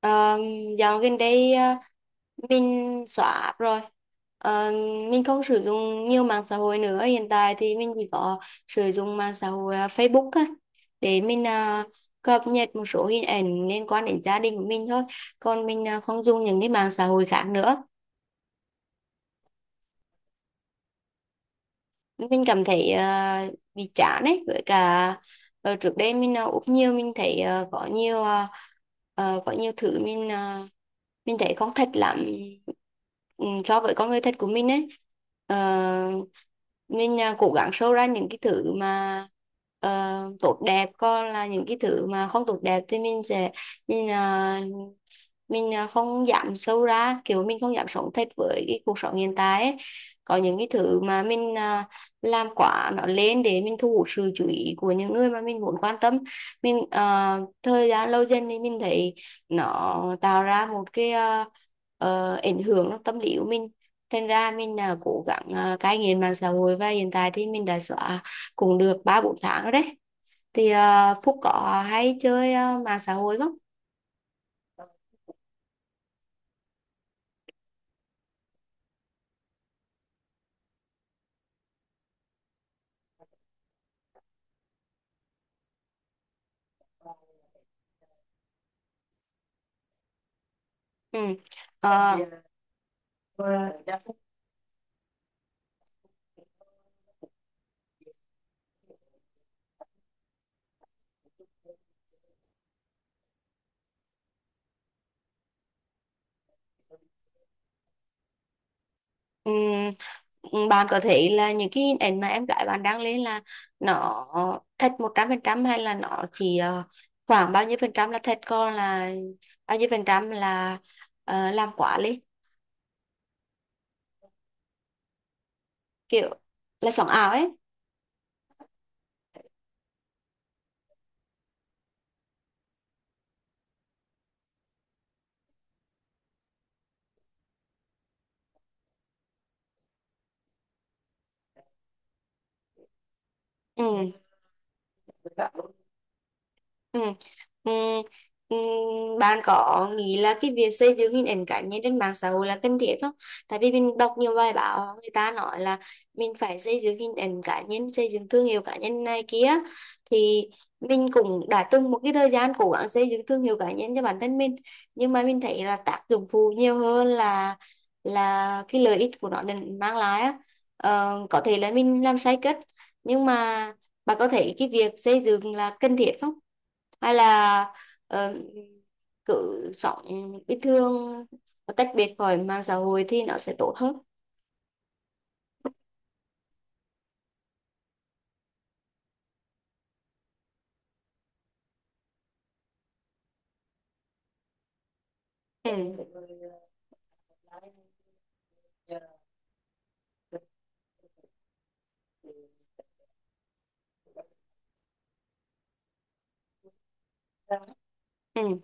Ờ, dạo gần đây mình xóa app rồi. Ờ, mình không sử dụng nhiều mạng xã hội nữa, hiện tại thì mình chỉ có sử dụng mạng xã hội Facebook á, để mình cập nhật một số hình ảnh liên quan đến gia đình của mình thôi, còn mình không dùng những cái mạng xã hội khác nữa. Mình cảm thấy bị chán ấy, với cả trước đây mình úp nhiều, mình thấy có nhiều có nhiều thứ mình mình thấy không thật lắm, ừ, so với con người thật của mình ấy. Ờ, mình cố gắng show ra những cái thứ mà tốt đẹp, còn là những cái thứ mà không tốt đẹp thì mình sẽ mình à, mình không dám show ra, kiểu mình không dám sống thật với cái cuộc sống hiện tại ấy. Có những cái thứ mà mình làm quá nó lên để mình thu hút sự chú ý của những người mà mình muốn quan tâm. Mình thời gian lâu dần thì mình thấy nó tạo ra một cái ảnh hưởng trong tâm lý của mình. Thành ra mình là cố gắng cai nghiện mạng xã hội, và hiện tại thì mình đã xóa cũng được 3 4 tháng rồi đấy. Thì Phúc có hay chơi mạng xã hội không? Ừ. Ờ. Ừm, ừm, bạn có thấy là những cái hình ảnh mà em gái bạn đăng lên là nó thật 100%, hay là nó chỉ khoảng bao nhiêu phần trăm là thật, còn là bao nhiêu phần trăm là làm quá lên, kiểu là sống ảo ấy? Ừ. Ừ. Ừ. Ừ. Bạn có nghĩ là cái việc xây dựng hình ảnh cá nhân trên mạng xã hội là cần thiết không? Tại vì mình đọc nhiều bài báo, người ta nói là mình phải xây dựng hình ảnh cá nhân, xây dựng thương hiệu cá nhân này kia. Thì mình cũng đã từng một cái thời gian cố gắng xây dựng thương hiệu cá nhân cho bản thân mình. Nhưng mà mình thấy là tác dụng phụ nhiều hơn là cái lợi ích của nó đem- mang lại á. Ờ, có thể là mình làm sai cách, nhưng mà bà có thấy cái việc xây dựng là cần thiết không? Hay là ờ, cứ sống bình thường, tách biệt khỏi mạng xã hội thì nó sẽ tốt hơn? Ừ. Ừ.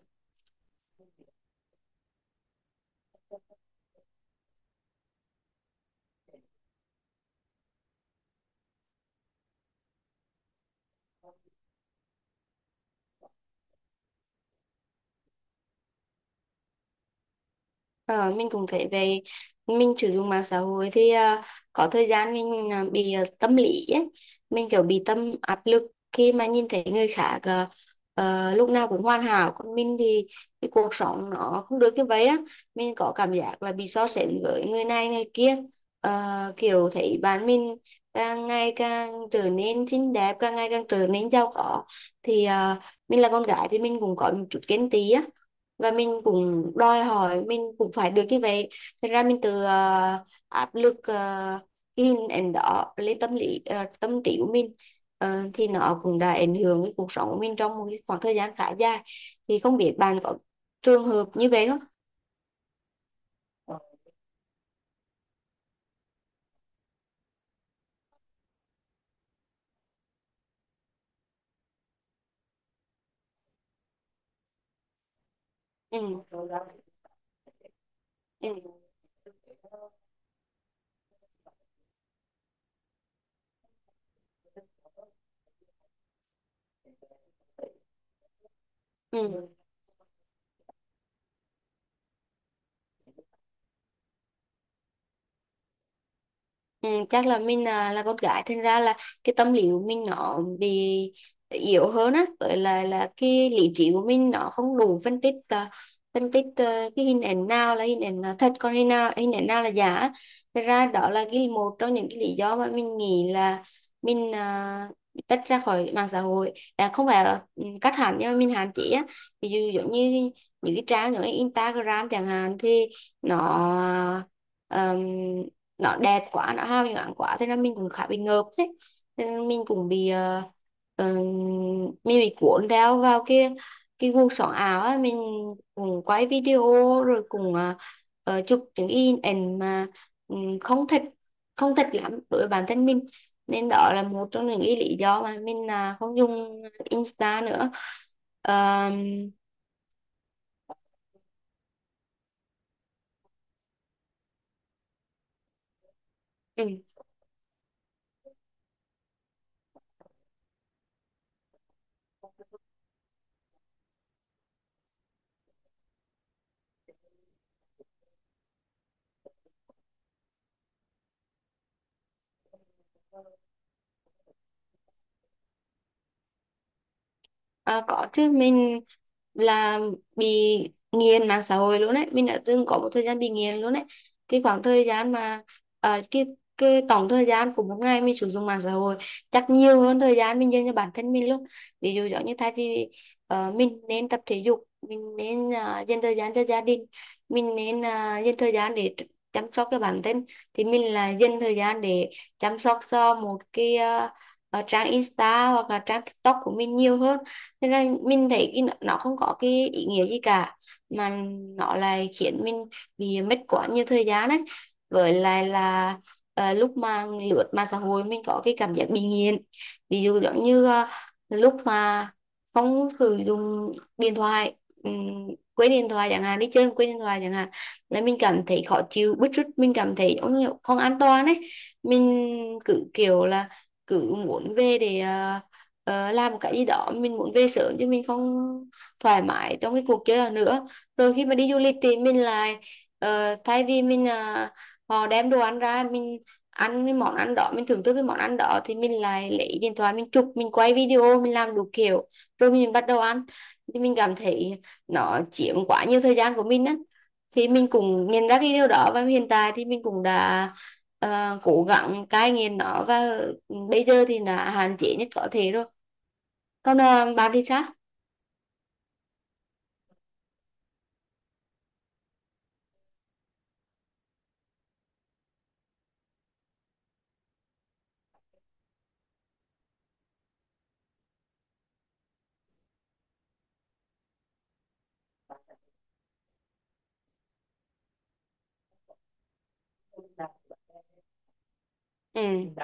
Ờ, mình cũng thấy về mình sử dụng mạng xã hội thì có thời gian mình bị tâm lý ấy. Mình kiểu bị tâm áp lực khi mà nhìn thấy người khác lúc nào cũng hoàn hảo, còn mình thì cái cuộc sống nó không được như vậy á, mình có cảm giác là bị so sánh với người này người kia. Ờ, kiểu thấy bạn mình càng ngày càng trở nên xinh đẹp, càng ngày càng trở nên giàu có, thì mình là con gái thì mình cũng có một chút ghen tị á, và mình cũng đòi hỏi mình cũng phải được như vậy. Thật ra mình từ áp lực cái hình ảnh đó lên tâm lý tâm trí của mình. Ờ, thì nó cũng đã ảnh hưởng cái cuộc sống của mình trong một cái khoảng thời gian khá dài. Thì không biết bạn có trường hợp như vậy không? Ừ. Ừ. Ừ. Ừ, chắc là mình là con gái thành ra là cái tâm lý của mình nó bị yếu hơn á, với lại là cái lý trí của mình nó không đủ phân tích, à, cái hình ảnh nào là hình ảnh là thật, còn hình ảnh nào là giả á. Thật ra đó là cái một trong những cái lý do mà mình nghĩ là mình bị tách ra khỏi mạng xã hội, à, không phải là ừ, cắt hẳn nhưng mà mình hạn chế á. Ví dụ giống như những cái trang như Instagram chẳng hạn thì nó um, nó đẹp quá, nó hào nhoáng quá, thế là mình cũng khá bị ngợp. Thế thế nên mình cũng bị ờ, mình bị cuốn theo vào cái guồng sóng ảo á, mình cũng quay video rồi cũng chụp những cái hình ảnh mà ừm, không thích không thích lắm đối với bản thân mình. Nên đó là một trong những cái lý do mà mình không dùng Insta nữa. Ờm, ừ. À, có chứ, mình là bị nghiền mạng xã hội luôn đấy, mình đã từng có một thời gian bị nghiền luôn đấy. Cái khoảng thời gian mà ờ, cái cái tổng thời gian của một ngày mình sử dụng mạng xã hội chắc nhiều hơn thời gian mình dành cho bản thân mình luôn. Ví dụ giống như thay vì mình nên tập thể dục, mình nên dành thời gian cho gia đình, mình nên dành thời gian để chăm sóc cho bản thân, thì mình là dành thời gian để chăm sóc cho một cái trang Insta hoặc là trang TikTok của mình nhiều hơn. Thế nên mình thấy cái nó không có cái ý nghĩa gì cả, mà nó lại khiến mình bị mất quá nhiều thời gian đấy. Với lại là lúc mà lướt mạng xã hội mình có cái cảm giác bị nghiện. Ví dụ giống như lúc mà không sử dụng điện thoại, ừm, quên điện thoại chẳng hạn, đi chơi mà quên điện thoại chẳng hạn, là mình cảm thấy khó chịu bứt rứt, mình cảm thấy giống như không an toàn ấy. Mình cứ kiểu là cứ muốn về để làm một cái gì đó, mình muốn về sớm chứ mình không thoải mái trong cái cuộc chơi đó nữa. Rồi khi mà đi du lịch thì mình lại thay vì mình họ đem đồ ăn ra mình ăn cái món ăn đó, mình thưởng thức cái món ăn đó, thì mình lại lấy điện thoại mình chụp mình quay video mình làm đủ kiểu rồi mình bắt đầu ăn. Thì mình cảm thấy nó chiếm quá nhiều thời gian của mình á. Thì mình cũng nhận ra cái điều đó và hiện tại thì mình cũng đã cố gắng cai nghiện nó, và bây giờ thì đã hạn chế nhất có thể rồi. Còn bạn thì sao? Ừ.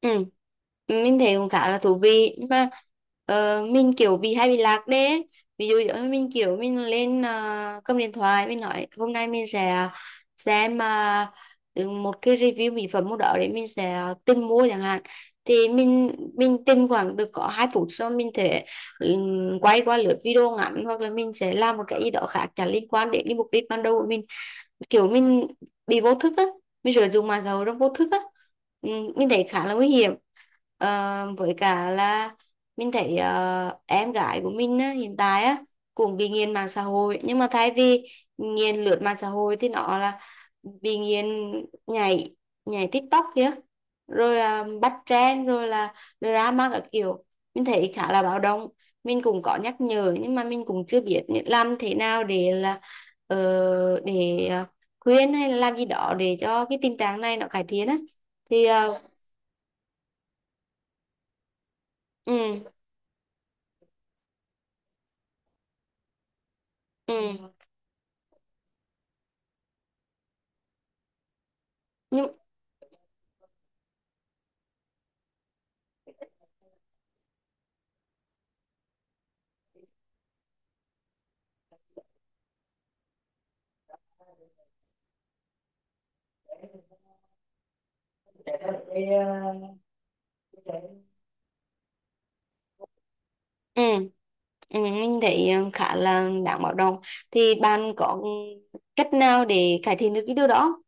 Ừ. Mình thấy cũng khá là thú vị, nhưng mà mình kiểu bị hay bị lạc đấy. Ví dụ giống như mình kiểu mình lên cầm điện thoại, mình nói hôm nay mình sẽ xem một cái review mỹ phẩm một đó để mình sẽ tìm mua chẳng hạn, thì mình tìm khoảng được có 2 phút sau mình thể ừ, quay qua lượt video ngắn hoặc là mình sẽ làm một cái gì đó khác chẳng liên quan đến cái mục đích ban đầu của mình. Kiểu mình bị vô thức á, mình sử dụng mạng xã hội trong vô thức á. ừ, mình thấy khá là nguy hiểm. Ờ, với cả là mình thấy em gái của mình á, hiện tại á, cũng bị nghiện mạng xã hội, nhưng mà thay vì nghiện lướt mạng xã hội thì nó là bị nghiện nhảy nhảy TikTok kia, rồi bắt trend, rồi là drama các kiểu. Mình thấy khá là báo động, mình cũng có nhắc nhở, nhưng mà mình cũng chưa biết làm thế nào để là ờ, để ờ, khuyên hay là làm gì đó để cho cái tình trạng này nó cải thiện á. Thì ừ. Ừ, nhưng ừ. Ừ, mình thấy khá là đáng báo động. Thì bạn có cách nào để cải thiện được cái điều đó?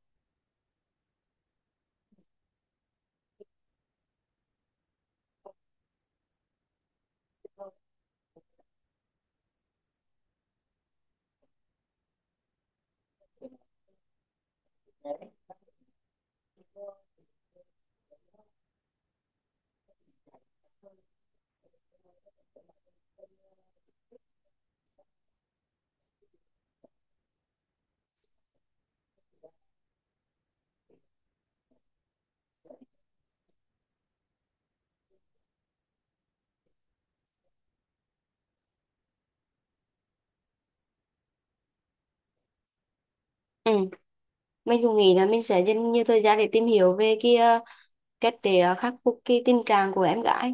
Ừ, mình cũng nghĩ là mình sẽ dành nhiều thời gian để tìm hiểu về cái cách để khắc phục cái tình trạng của em gái.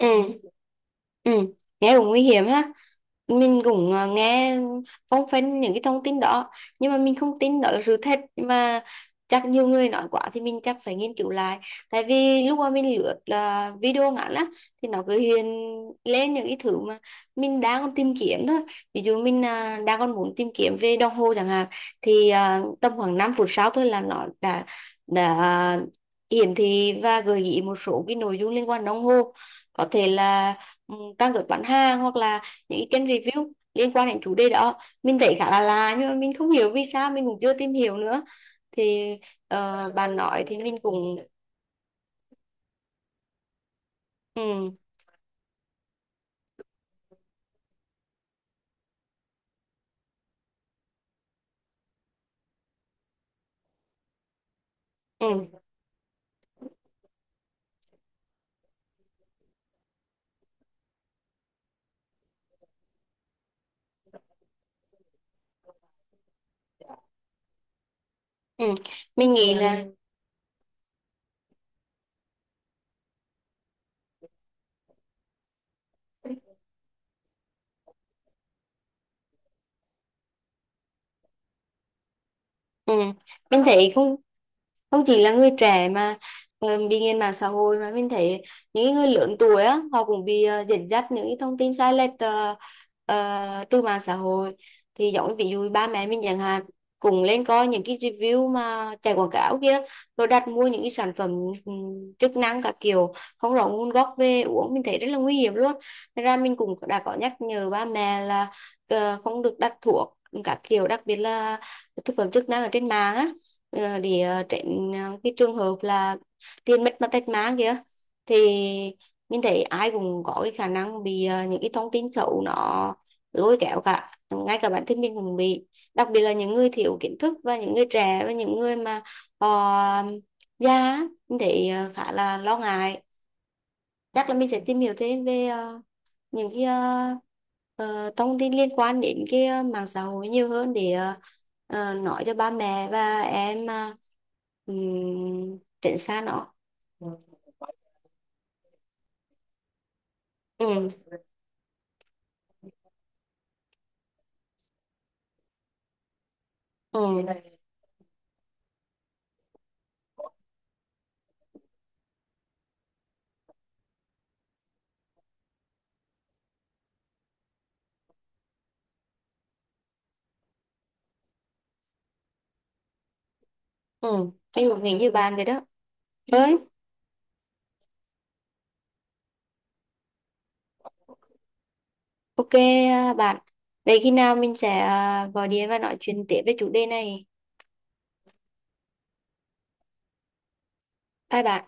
Ừ. Ừ. Nghe cũng nguy hiểm ha. Mình cũng nghe phong phanh những cái thông tin đó, nhưng mà mình không tin đó là sự thật. Nhưng mà chắc nhiều người nói quá thì mình chắc phải nghiên cứu lại. Tại vì lúc mà mình lướt là video ngắn á thì nó cứ hiện lên những cái thứ mà mình đang còn tìm kiếm thôi. Ví dụ mình đang còn muốn tìm kiếm về đồng hồ chẳng hạn, thì tầm khoảng 5 phút sau thôi là nó đã hiển thị và gợi ý một số cái nội dung liên quan đồng hồ, có thể là trang web bán hàng hoặc là những cái kênh review liên quan đến chủ đề đó. Mình thấy khá là lạ nhưng mà mình không hiểu vì sao, mình cũng chưa tìm hiểu nữa. Thì bạn nói thì mình cũng ừ, ừ, ừ. Mình nghĩ là ừ. Mình thấy không, không chỉ là người trẻ mà bị nghiện mạng xã hội, mà mình thấy những cái người lớn tuổi á họ cũng bị dẫn dắt những cái thông tin sai lệch từ mạng xã hội. Thì giống như ví dụ ba mẹ mình chẳng hạn, cùng lên coi những cái review mà chạy quảng cáo kia, rồi đặt mua những cái sản phẩm chức năng các kiểu không rõ nguồn gốc về uống, mình thấy rất là nguy hiểm luôn. Nên ra mình cũng đã có nhắc nhở ba mẹ là không được đặt thuốc các kiểu, đặc biệt là thực phẩm chức năng ở trên mạng á, tránh cái trường hợp là tiền mất mà tật mang kia. Thì mình thấy ai cũng có cái khả năng bị những cái thông tin xấu nó lôi kéo cả, ngay cả bản thân mình cũng bị. Đặc biệt là những người thiếu kiến thức và những người trẻ và những người mà họ già á, mình thấy khá là lo ngại. Chắc là mình sẽ tìm hiểu thêm về ờ, những cái ờ, ờ, thông tin liên quan đến cái mạng xã hội nhiều hơn để nói cho ba mẹ và em tránh xa nó. Ừ. Ừ. Ừ, anh cũng nghĩ như bạn vậy đó. Ơi. OK. Ờ, bạn, vậy khi nào mình sẽ gọi điện và nói chuyện tiếp về chủ đề này. Bye bạn.